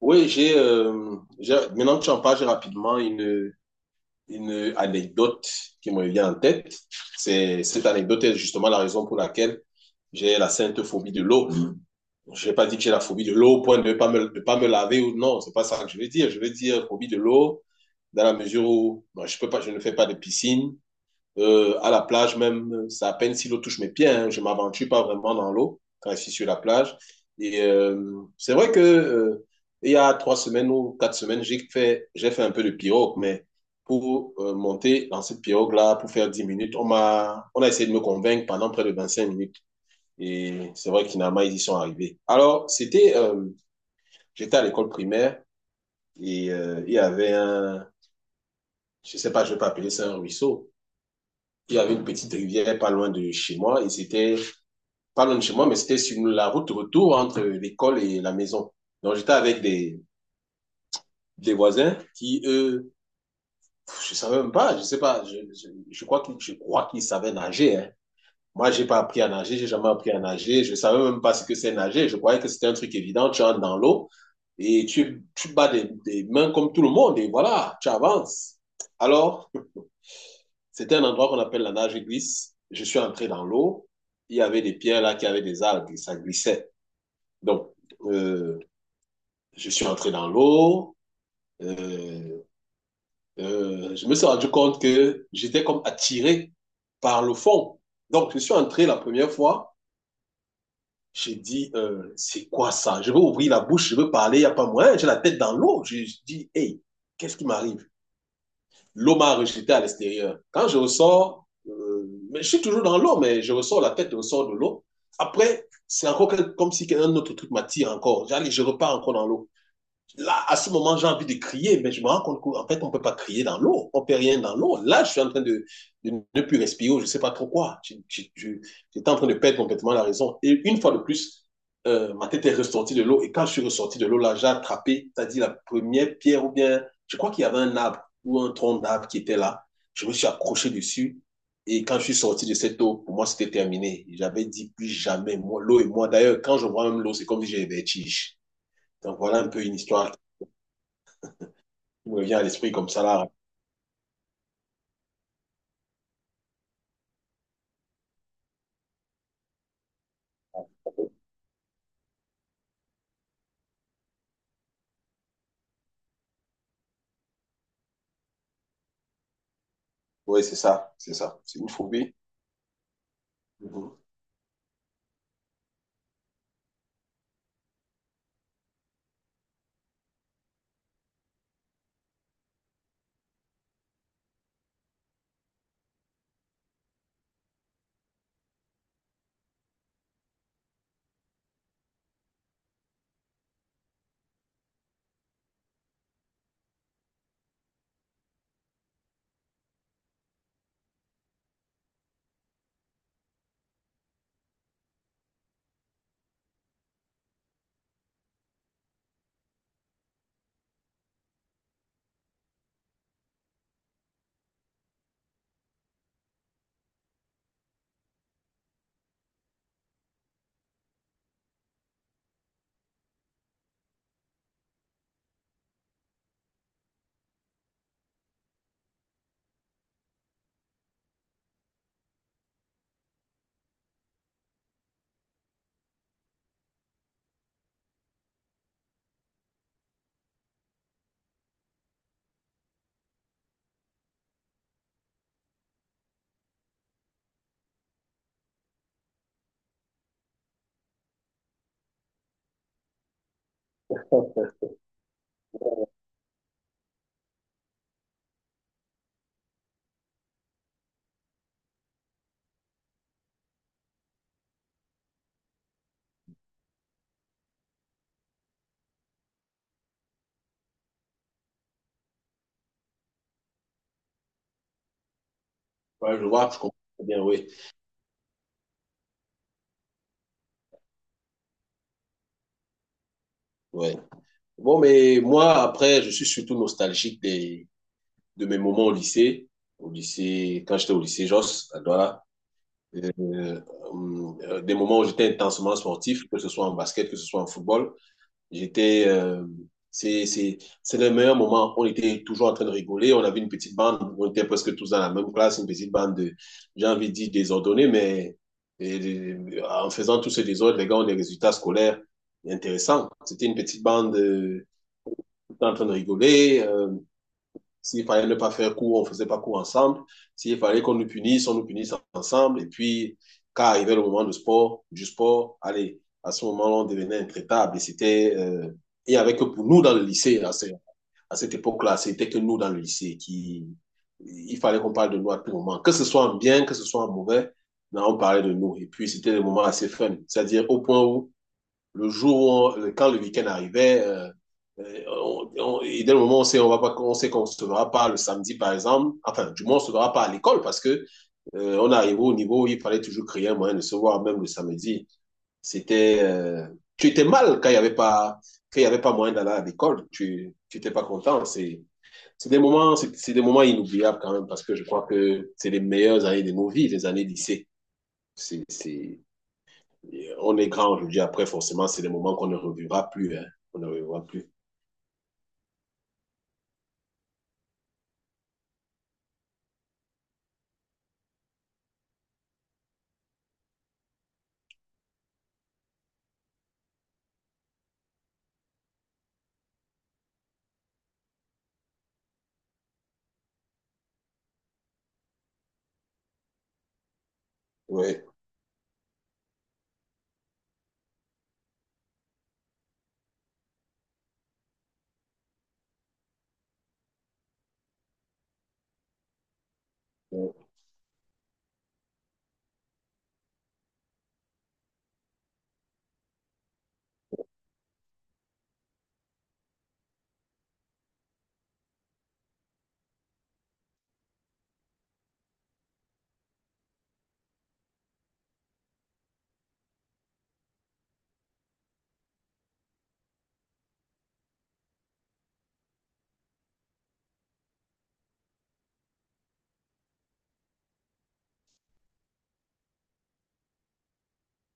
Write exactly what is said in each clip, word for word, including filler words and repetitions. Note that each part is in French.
Oui, j'ai, euh, j'ai- maintenant que tu en parles, j'ai rapidement une, une anecdote qui me vient en tête. C'est, cette anecdote est justement la raison pour laquelle j'ai la sainte phobie de l'eau. Je vais pas dire que j'ai la phobie de l'eau au point de ne pas me, de pas me laver ou non, c'est pas ça que je veux dire. Je veux dire phobie de l'eau dans la mesure où moi, je peux pas, je ne fais pas de piscine, euh, à la plage même, c'est à peine si l'eau touche mes pieds. Hein, je m'aventure pas vraiment dans l'eau quand je suis sur la plage. Et euh, c'est vrai que euh, il y a trois semaines ou quatre semaines, j'ai fait, j'ai fait un peu de pirogue, mais pour euh, monter dans cette pirogue-là, pour faire dix minutes, on m'a, on a essayé de me convaincre pendant près de vingt-cinq minutes. Et c'est vrai qu'inalement, ils y sont arrivés. Alors, c'était, euh, j'étais à l'école primaire et euh, il y avait un, je sais pas, je vais pas appeler ça un ruisseau, il y avait une petite rivière pas loin de chez moi et c'était pas loin de chez moi, mais c'était sur la route retour entre l'école et la maison. Donc j'étais avec des, des voisins qui, eux, je savais même pas, je sais pas, je, je, je crois qu'ils, je crois qu'ils savaient nager. Hein. Moi, j'ai pas appris à nager, j'ai jamais appris à nager, je savais même pas ce que c'est nager. Je croyais que c'était un truc évident, tu entres dans l'eau et tu, tu bats des, des mains comme tout le monde et voilà, tu avances. Alors, c'était un endroit qu'on appelle la nage glisse. Je suis entré dans l'eau. Il y avait des pierres là qui avaient des algues et ça glissait. Donc, euh, je suis entré dans l'eau. Euh, euh, je me suis rendu compte que j'étais comme attiré par le fond. Donc, je suis entré la première fois. J'ai dit, euh, c'est quoi ça? Je veux ouvrir la bouche, je veux parler, il n'y a pas moyen. J'ai la tête dans l'eau. Je, je dis, hey, qu'est-ce qui m'arrive? L'eau m'a rejeté à l'extérieur. Quand je ressors, euh, mais je suis toujours dans l'eau, mais je ressors la tête, je ressors de l'eau. Après, c'est encore comme si un autre truc m'attire encore. J'allais, je repars encore dans l'eau. Là, à ce moment, j'ai envie de crier, mais je me rends compte qu'en fait, on ne peut pas crier dans l'eau. On ne peut rien dans l'eau. Là, je suis en train de, de ne plus respirer, je ne sais pas trop quoi. J'étais en train de perdre complètement la raison. Et une fois de plus, euh, ma tête est ressortie de l'eau. Et quand je suis ressorti de l'eau, là, j'ai attrapé, c'est-à-dire la première pierre ou bien, je crois qu'il y avait un arbre ou un tronc d'arbre qui était là. Je me suis accroché dessus. Et quand je suis sorti de cette eau, pour moi, c'était terminé. J'avais dit plus jamais, moi, l'eau et moi. D'ailleurs, quand je vois même l'eau, c'est comme si j'avais des vertiges. Donc voilà un peu une histoire qui me vient à l'esprit comme ça là. Oui, c'est ça, c'est ça. C'est une phobie. Mhm. Ouais, je vois, je comprends bien, oui. Ouais. Bon, mais moi, après, je suis surtout nostalgique des, de mes moments au lycée. Au lycée, quand j'étais au lycée Josse, à Douala, euh, hum, euh, des moments où j'étais intensement sportif, que ce soit en basket, que ce soit en football. J'étais, euh, c'est, c'est, c'est le meilleur moment. On était toujours en train de rigoler. On avait une petite bande. On était presque tous dans la même classe, une petite bande de, j'ai envie de dire désordonnée, mais et, et, en faisant tous ce désordre, les gars ont des résultats scolaires intéressants. C'était une petite bande euh, tout le temps en train de rigoler. Euh, s'il fallait ne pas faire cours, on ne faisait pas cours ensemble. S'il fallait qu'on nous punisse, on nous punisse ensemble. Et puis, quand arrivait le moment du sport, du sport, allez, à ce moment-là, on devenait intraitable. Et c'était, euh, il n'y avait que pour nous dans le lycée, à, cette, cette époque-là, c'était que nous dans le lycée qui, il fallait qu'on parle de nous à tout moment. Que ce soit en bien, que ce soit en mauvais, non, on parlait de nous. Et puis, c'était des moments assez fun. C'est-à-dire au point où le jour, où on- quand le week-end arrivait, euh, euh, on, on- et dès le moment où on sait, on va pas, on sait qu'on ne se verra pas le samedi, par exemple, enfin, du moins, on ne se verra pas à l'école parce que euh, on arrivait au niveau où il fallait toujours créer un moyen de se voir, même le samedi. C'était, euh, tu étais mal quand il y avait pas, quand il y avait pas moyen d'aller à l'école. Tu, tu étais pas content. C'est, c'est des moments, c'est c'est des moments inoubliables quand même parce que je crois que c'est les meilleures années de nos vies, les années lycée. C'est, c'est, on est grand aujourd'hui. Après, forcément, c'est des moments qu'on ne revivra plus. Hein. On ne revivra plus. Oui,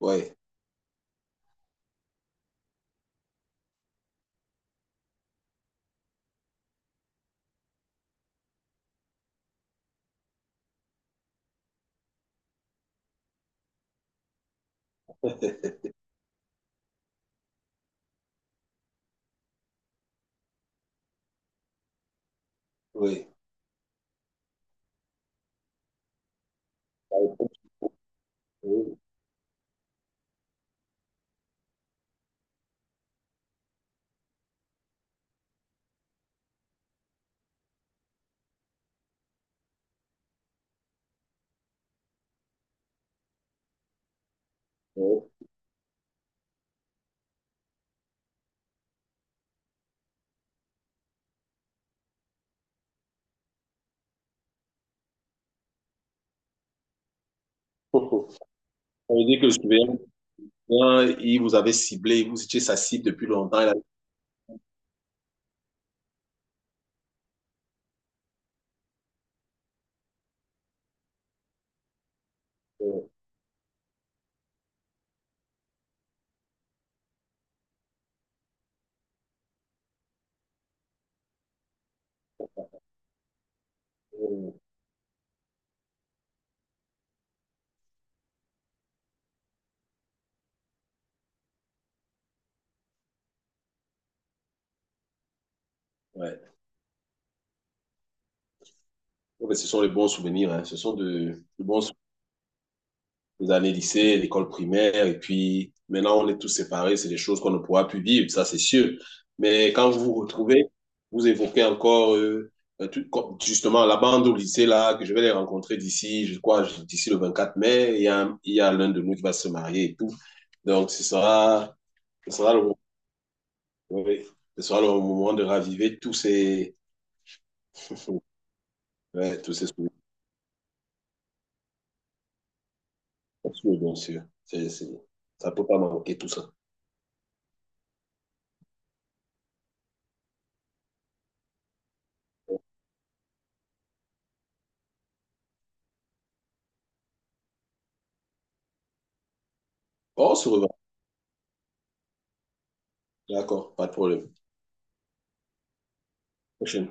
oui, oui. Ça veut dire que le surveillant, il vous avait ciblé, vous étiez sa cible depuis longtemps. Il a- Ouais. Ouais, mais ce sont les bons souvenirs. Hein. Ce sont de, de bons souvenirs. Les années lycée, l'école primaire, et puis maintenant on est tous séparés, c'est des choses qu'on ne pourra plus vivre, ça c'est sûr. Mais quand vous vous retrouvez, vous évoquez encore euh, euh, tout, justement la bande au lycée là, que je vais les rencontrer d'ici, je crois, d'ici le vingt-quatre mai, il y a, il y a l'un de nous qui va se marier et tout. Donc ce sera, ce sera le, oui, ce sera le moment de raviver tous ces, ouais, tous ces souvenirs, bien sûr. C est, ça peut pas manquer tout ça. On se revoit, d'accord, pas de problème. Prochaine.